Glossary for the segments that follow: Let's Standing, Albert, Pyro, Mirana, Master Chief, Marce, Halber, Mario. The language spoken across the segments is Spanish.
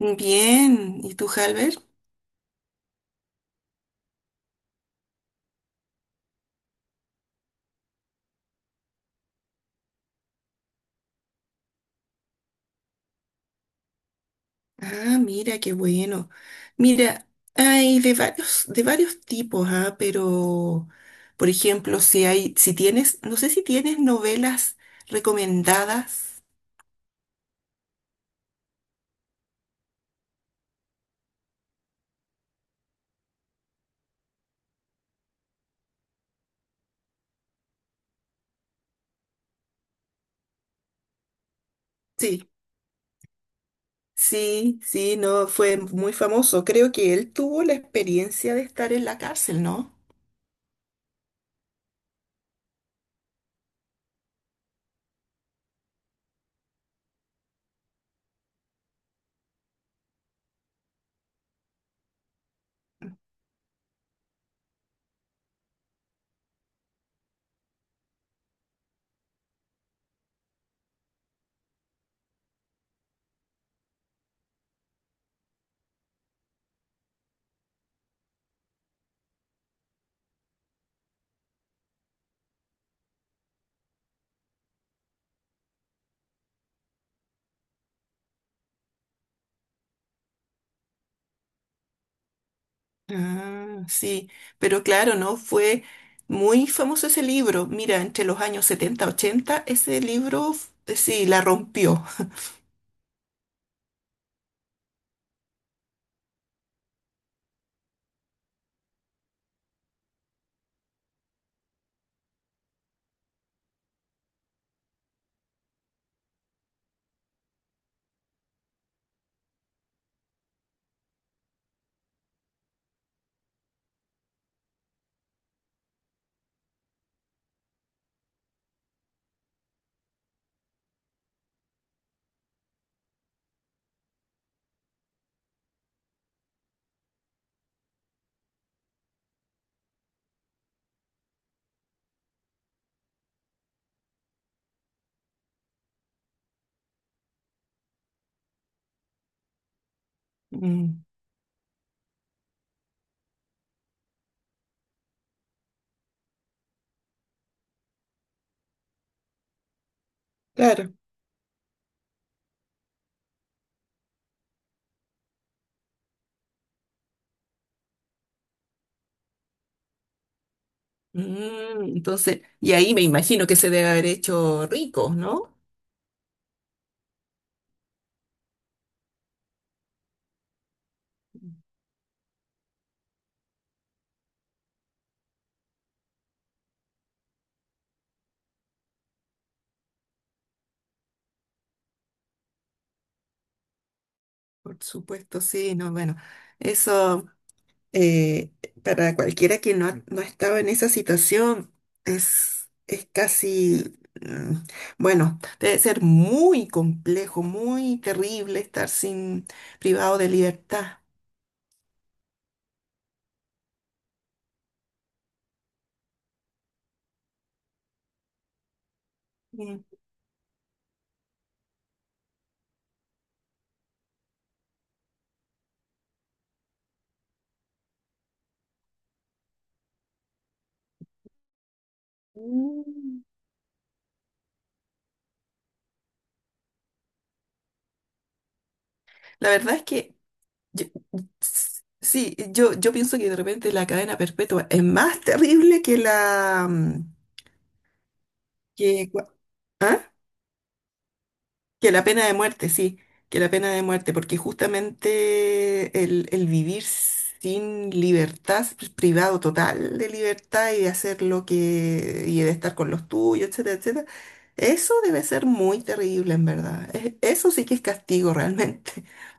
Bien, ¿y tú, Halber? Ah, mira, qué bueno. Mira, hay de varios tipos, ¿ah? Pero, por ejemplo, si tienes, no sé si tienes novelas recomendadas. Sí, sí, sí, no, fue muy famoso. Creo que él tuvo la experiencia de estar en la cárcel, ¿no? Ah, sí, pero claro, ¿no? Fue muy famoso ese libro. Mira, entre los años 70 80 ese libro, sí, la rompió. Mm, claro. Mm, entonces, y ahí me imagino que se debe haber hecho rico, ¿no? Por supuesto, sí, no, bueno, eso eh, para cualquiera que no, no estaba en esa situación es casi, bueno, debe ser muy complejo, muy terrible estar sin privado de libertad. Mm. Mm. La verdad es que Yo- sí, yo pienso que de repente la cadena perpetua es más terrible que la que, cua- ¿ah? Que la pena de muerte, sí, que la pena de muerte, porque justamente el vivir sin libertad, privado total de libertad y de hacer lo que, y de estar con los tuyos, etcétera, etcétera, eso debe ser muy terrible, en verdad. Eso sí que es castigo realmente.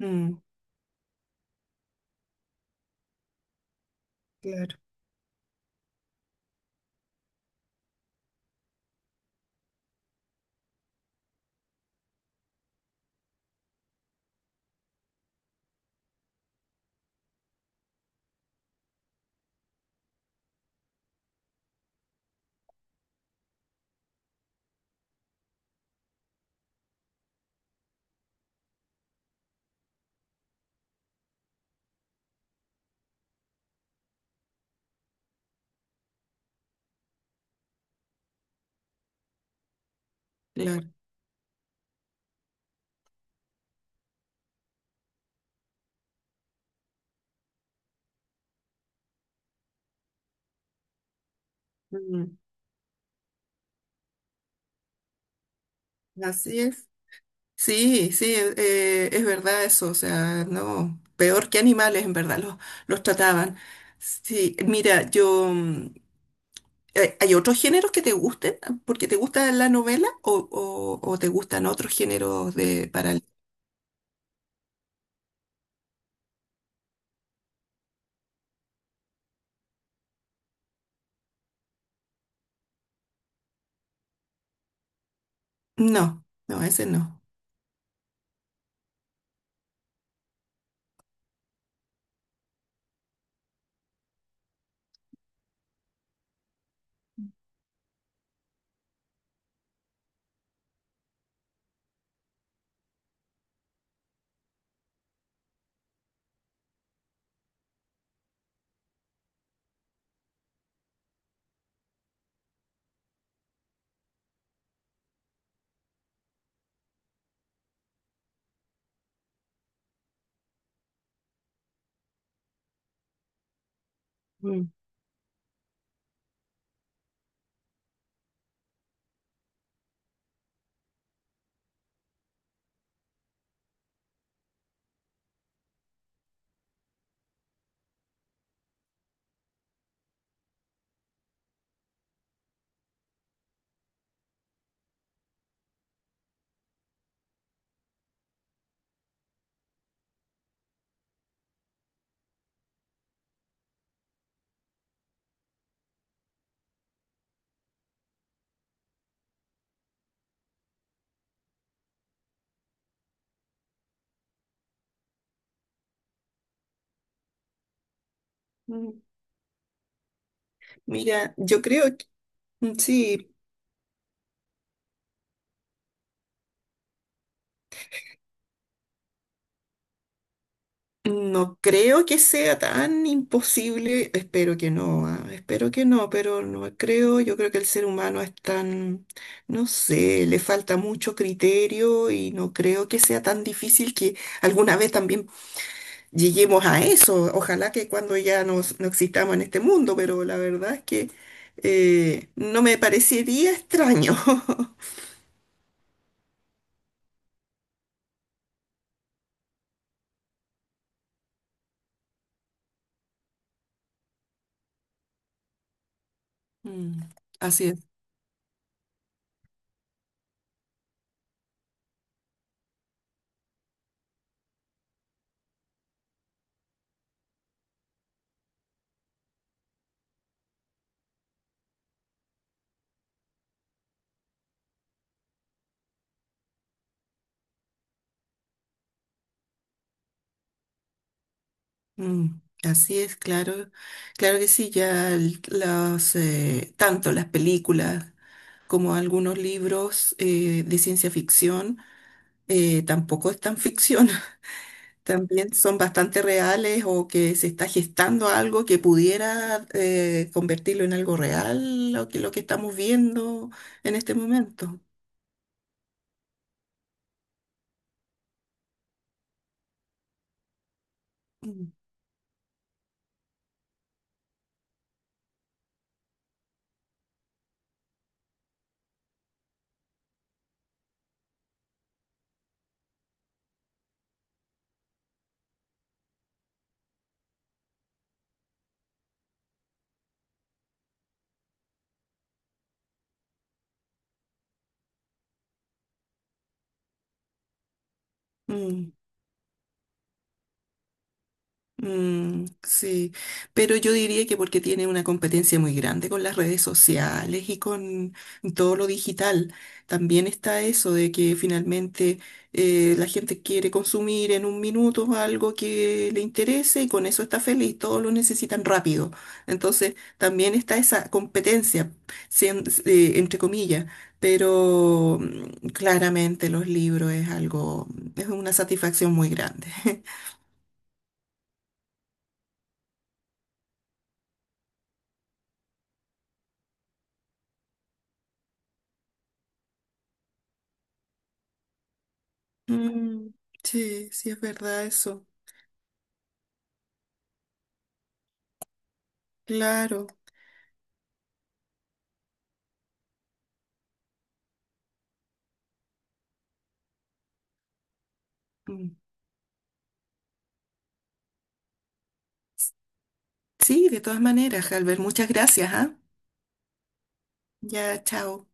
Mm, claro, claro. Mm, así es. Sí, sí, es verdad eso, o sea, no, peor que animales en verdad los trataban. Sí, mira, yo, ¿hay otros géneros que te gusten? ¿Porque te gusta la novela o, o te gustan otros géneros de para... No, no, ese no. Mm. Mm. Mira, yo creo que, sí. No creo que sea tan imposible, espero que no, espero que no, pero no creo, yo creo que el ser humano es tan, no sé, le falta mucho criterio y no creo que sea tan difícil que alguna vez también lleguemos a eso. Ojalá que cuando ya no existamos en este mundo, pero la verdad es que no me parecería extraño. Mm, así es. Mm, así es, claro, claro que sí, ya las, tanto las películas como algunos libros de ciencia ficción tampoco es tan ficción, también son bastante reales o que se está gestando algo que pudiera convertirlo en algo real, lo que estamos viendo en este momento. Mm, mm. Mm, sí, pero yo diría que porque tiene una competencia muy grande con las redes sociales y con todo lo digital, también está eso de que finalmente la gente quiere consumir en un minuto algo que le interese y con eso está feliz, todos lo necesitan rápido. Entonces, también está esa competencia, entre comillas, pero claramente los libros es algo, es una satisfacción muy grande. Mm, sí, sí es verdad eso. Claro. Mm. Sí, de todas maneras, Albert, muchas gracias, ¿ah? Ya, chao.